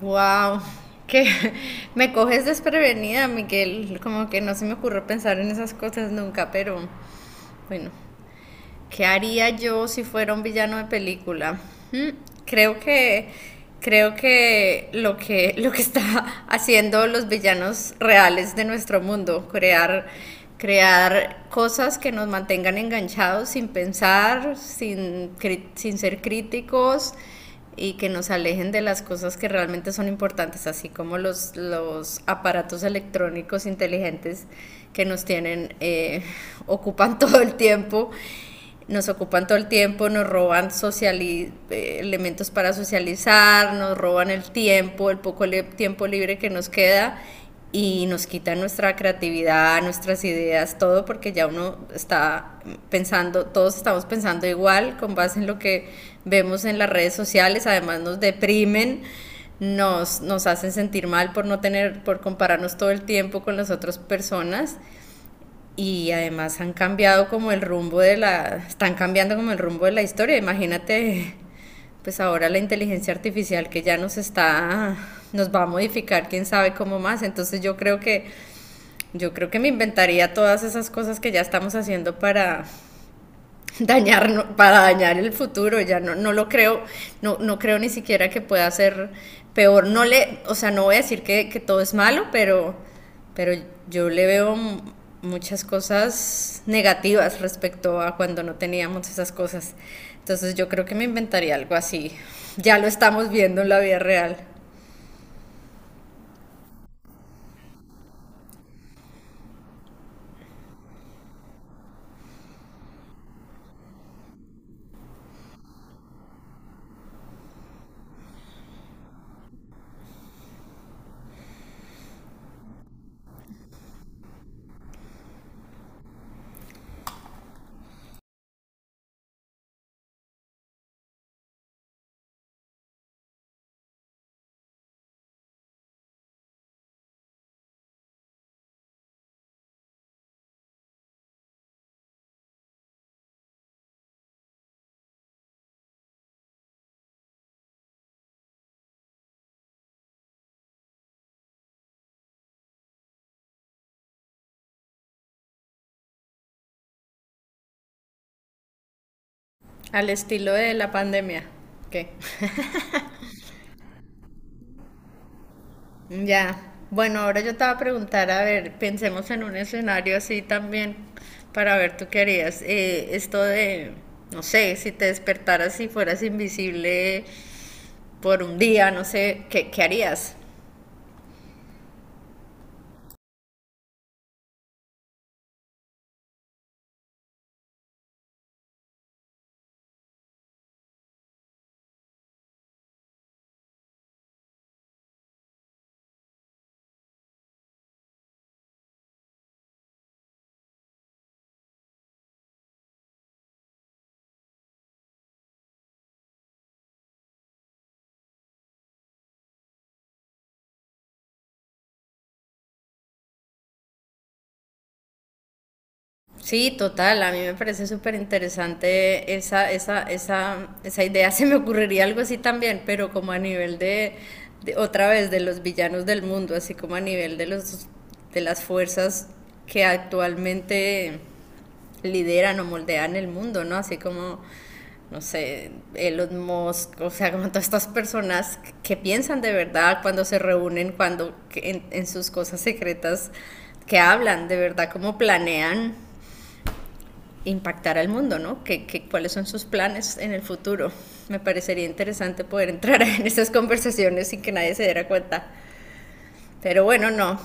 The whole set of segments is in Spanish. Wow, que me coges desprevenida, Miguel. Como que no se me ocurrió pensar en esas cosas nunca, pero bueno. ¿Qué haría yo si fuera un villano de película? Hmm, Creo que creo que lo que lo que está haciendo los villanos reales de nuestro mundo, crear crear cosas que nos mantengan enganchados sin pensar, sin ser críticos y que nos alejen de las cosas que realmente son importantes, así como los aparatos electrónicos inteligentes que nos tienen, ocupan todo el tiempo, nos ocupan todo el tiempo, nos roban elementos para socializar, nos roban el tiempo, el poco li tiempo libre que nos queda y nos quitan nuestra creatividad, nuestras ideas, todo porque ya uno está pensando, todos estamos pensando igual con base en lo que vemos en las redes sociales, además nos deprimen. Nos hacen sentir mal por no tener, por compararnos todo el tiempo con las otras personas y además han cambiado como el rumbo de la, están cambiando como el rumbo de la historia. Imagínate, pues ahora la inteligencia artificial que ya nos está, nos va a modificar, quién sabe cómo más. Yo creo que me inventaría todas esas cosas que ya estamos haciendo para dañar, no, para dañar el futuro, ya no, no lo creo, no, no creo ni siquiera que pueda ser peor. No le, o sea, no voy a decir que todo es malo, pero yo le veo muchas cosas negativas respecto a cuando no teníamos esas cosas. Entonces yo creo que me inventaría algo así. Ya lo estamos viendo en la vida real, al estilo de la pandemia. ¿Qué? Ya. Bueno, ahora yo te voy a preguntar, a ver, pensemos en un escenario así también para ver tú qué harías. No sé, si te despertaras y fueras invisible por un día, no sé, ¿qué, qué harías? Sí, total, a mí me parece súper interesante esa idea. Se me ocurriría algo así también, pero como a nivel de, otra vez, de los villanos del mundo, así como a nivel de de las fuerzas que actualmente lideran o moldean el mundo, ¿no? Así como, no sé, Elon Musk, o sea, como todas estas personas que piensan de verdad cuando se reúnen, en sus cosas secretas, que hablan de verdad, cómo planean impactar al mundo, ¿no? ¿Qué, qué, cuáles son sus planes en el futuro? Me parecería interesante poder entrar en estas conversaciones sin que nadie se diera cuenta. Pero bueno, no.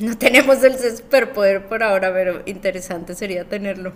No tenemos el superpoder por ahora, pero interesante sería tenerlo.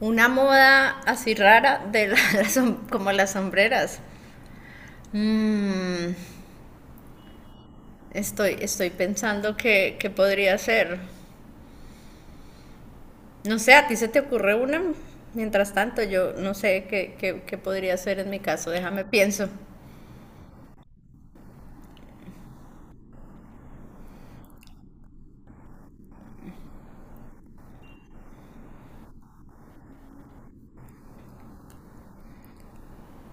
Una moda así rara de la, las, como las sombreras. Mm, estoy pensando que podría ser. No sé, ¿a ti se te ocurre una? Mientras tanto, yo no sé qué podría ser en mi caso. Déjame pienso.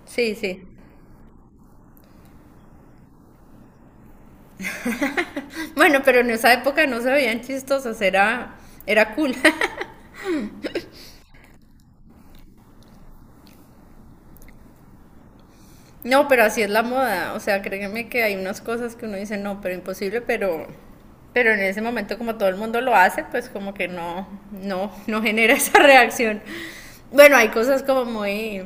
Sí, sí. Bueno, pero en esa época no se veían chistosas, era, era cool. No, pero así es la moda. O sea, créeme que hay unas cosas que uno dice, no, pero imposible, pero en ese momento como todo el mundo lo hace, pues como que no, no, no genera esa reacción. Bueno, hay cosas como muy,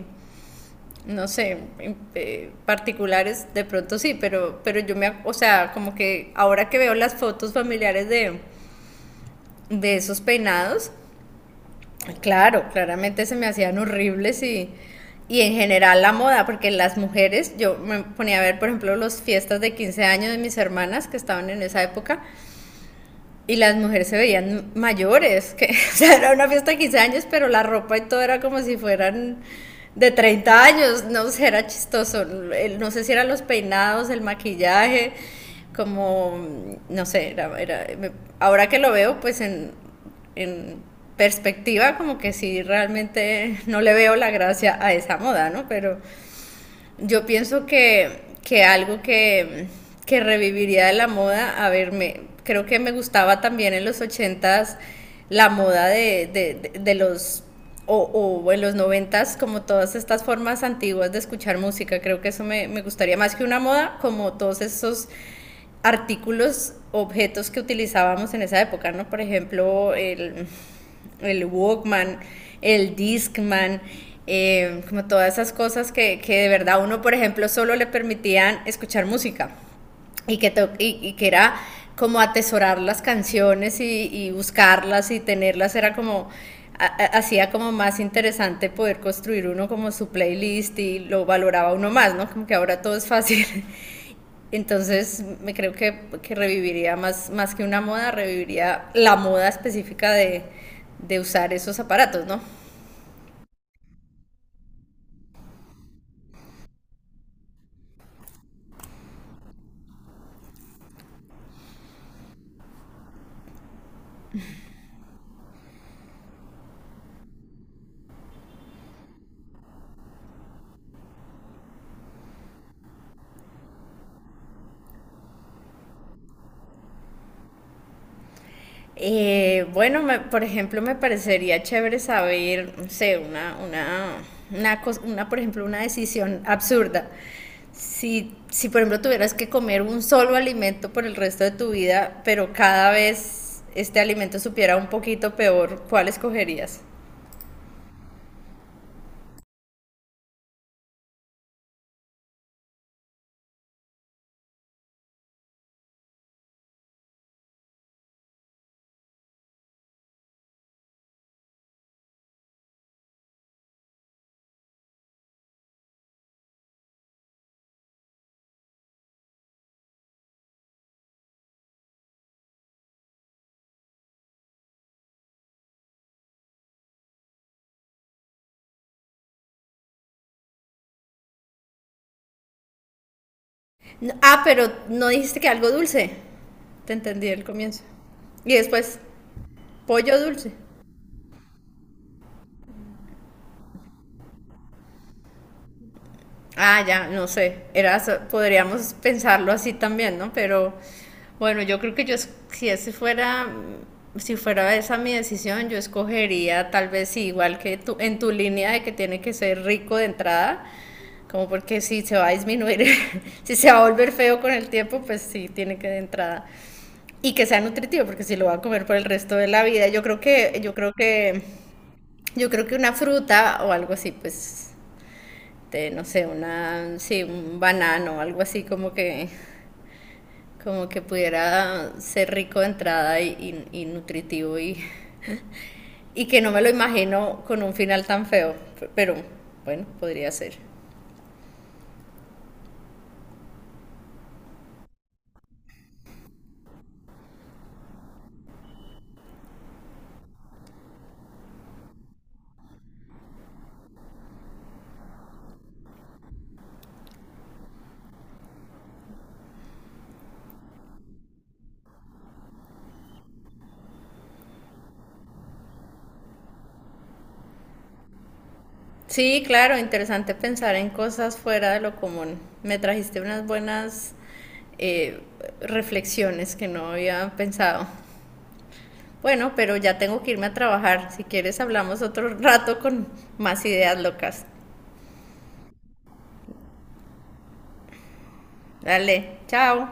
no sé, particulares, de pronto sí, pero yo me, o sea, como que ahora que veo las fotos familiares de esos peinados, claro, claramente se me hacían horribles y en general la moda, porque las mujeres, yo me ponía a ver, por ejemplo, las fiestas de 15 años de mis hermanas que estaban en esa época, y las mujeres se veían mayores, que o sea, era una fiesta de 15 años, pero la ropa y todo era como si fueran de 30 años, no sé, era chistoso, no sé si eran los peinados, el maquillaje, como, no sé, ahora que lo veo, pues en perspectiva, como que sí, realmente no le veo la gracia a esa moda, ¿no? Pero yo pienso que algo que reviviría de la moda, a ver, me, creo que me gustaba también en los ochentas la moda de, de los o, o, en los noventas, como todas estas formas antiguas de escuchar música. Creo que eso me, me, gustaría más que una moda, como todos esos artículos, objetos que utilizábamos en esa época, ¿no? Por ejemplo, el Walkman, el Discman, como todas esas cosas que, de verdad uno, por ejemplo, solo le permitían escuchar música y que, y que era como atesorar las canciones y buscarlas y tenerlas, era como hacía como más interesante poder construir uno como su playlist y lo valoraba uno más, ¿no? Como que ahora todo es fácil. Entonces, me creo que reviviría más, más que una moda, reviviría la moda específica de usar esos aparatos, ¿no? Bueno, por ejemplo, me parecería chévere saber, no sé, una, una, por ejemplo, una decisión absurda. Si, por ejemplo, tuvieras que comer un solo alimento por el resto de tu vida, pero cada vez este alimento supiera un poquito peor, ¿cuál escogerías? No, ah, pero no dijiste que algo dulce. Te entendí el comienzo. Y después, pollo dulce. Ah, ya, no sé. Era, podríamos pensarlo así también, ¿no? Pero bueno, yo creo que yo, si ese fuera, si fuera esa mi decisión, yo escogería tal vez sí, igual que tú, en tu línea de que tiene que ser rico de entrada, como porque si se va a disminuir, si se va a volver feo con el tiempo, pues sí, tiene que de entrada. Y que sea nutritivo, porque si lo va a comer por el resto de la vida, yo creo que una fruta o algo así, pues, de, no sé, una, sí, un banano o algo así como que pudiera ser rico de entrada y, y nutritivo y que no me lo imagino con un final tan feo, pero bueno, podría ser. Sí, claro, interesante pensar en cosas fuera de lo común. Me trajiste unas buenas eh, reflexiones que no había pensado. Bueno, pero ya tengo que irme a trabajar. Si quieres, hablamos otro rato con más ideas locas. Dale, chao.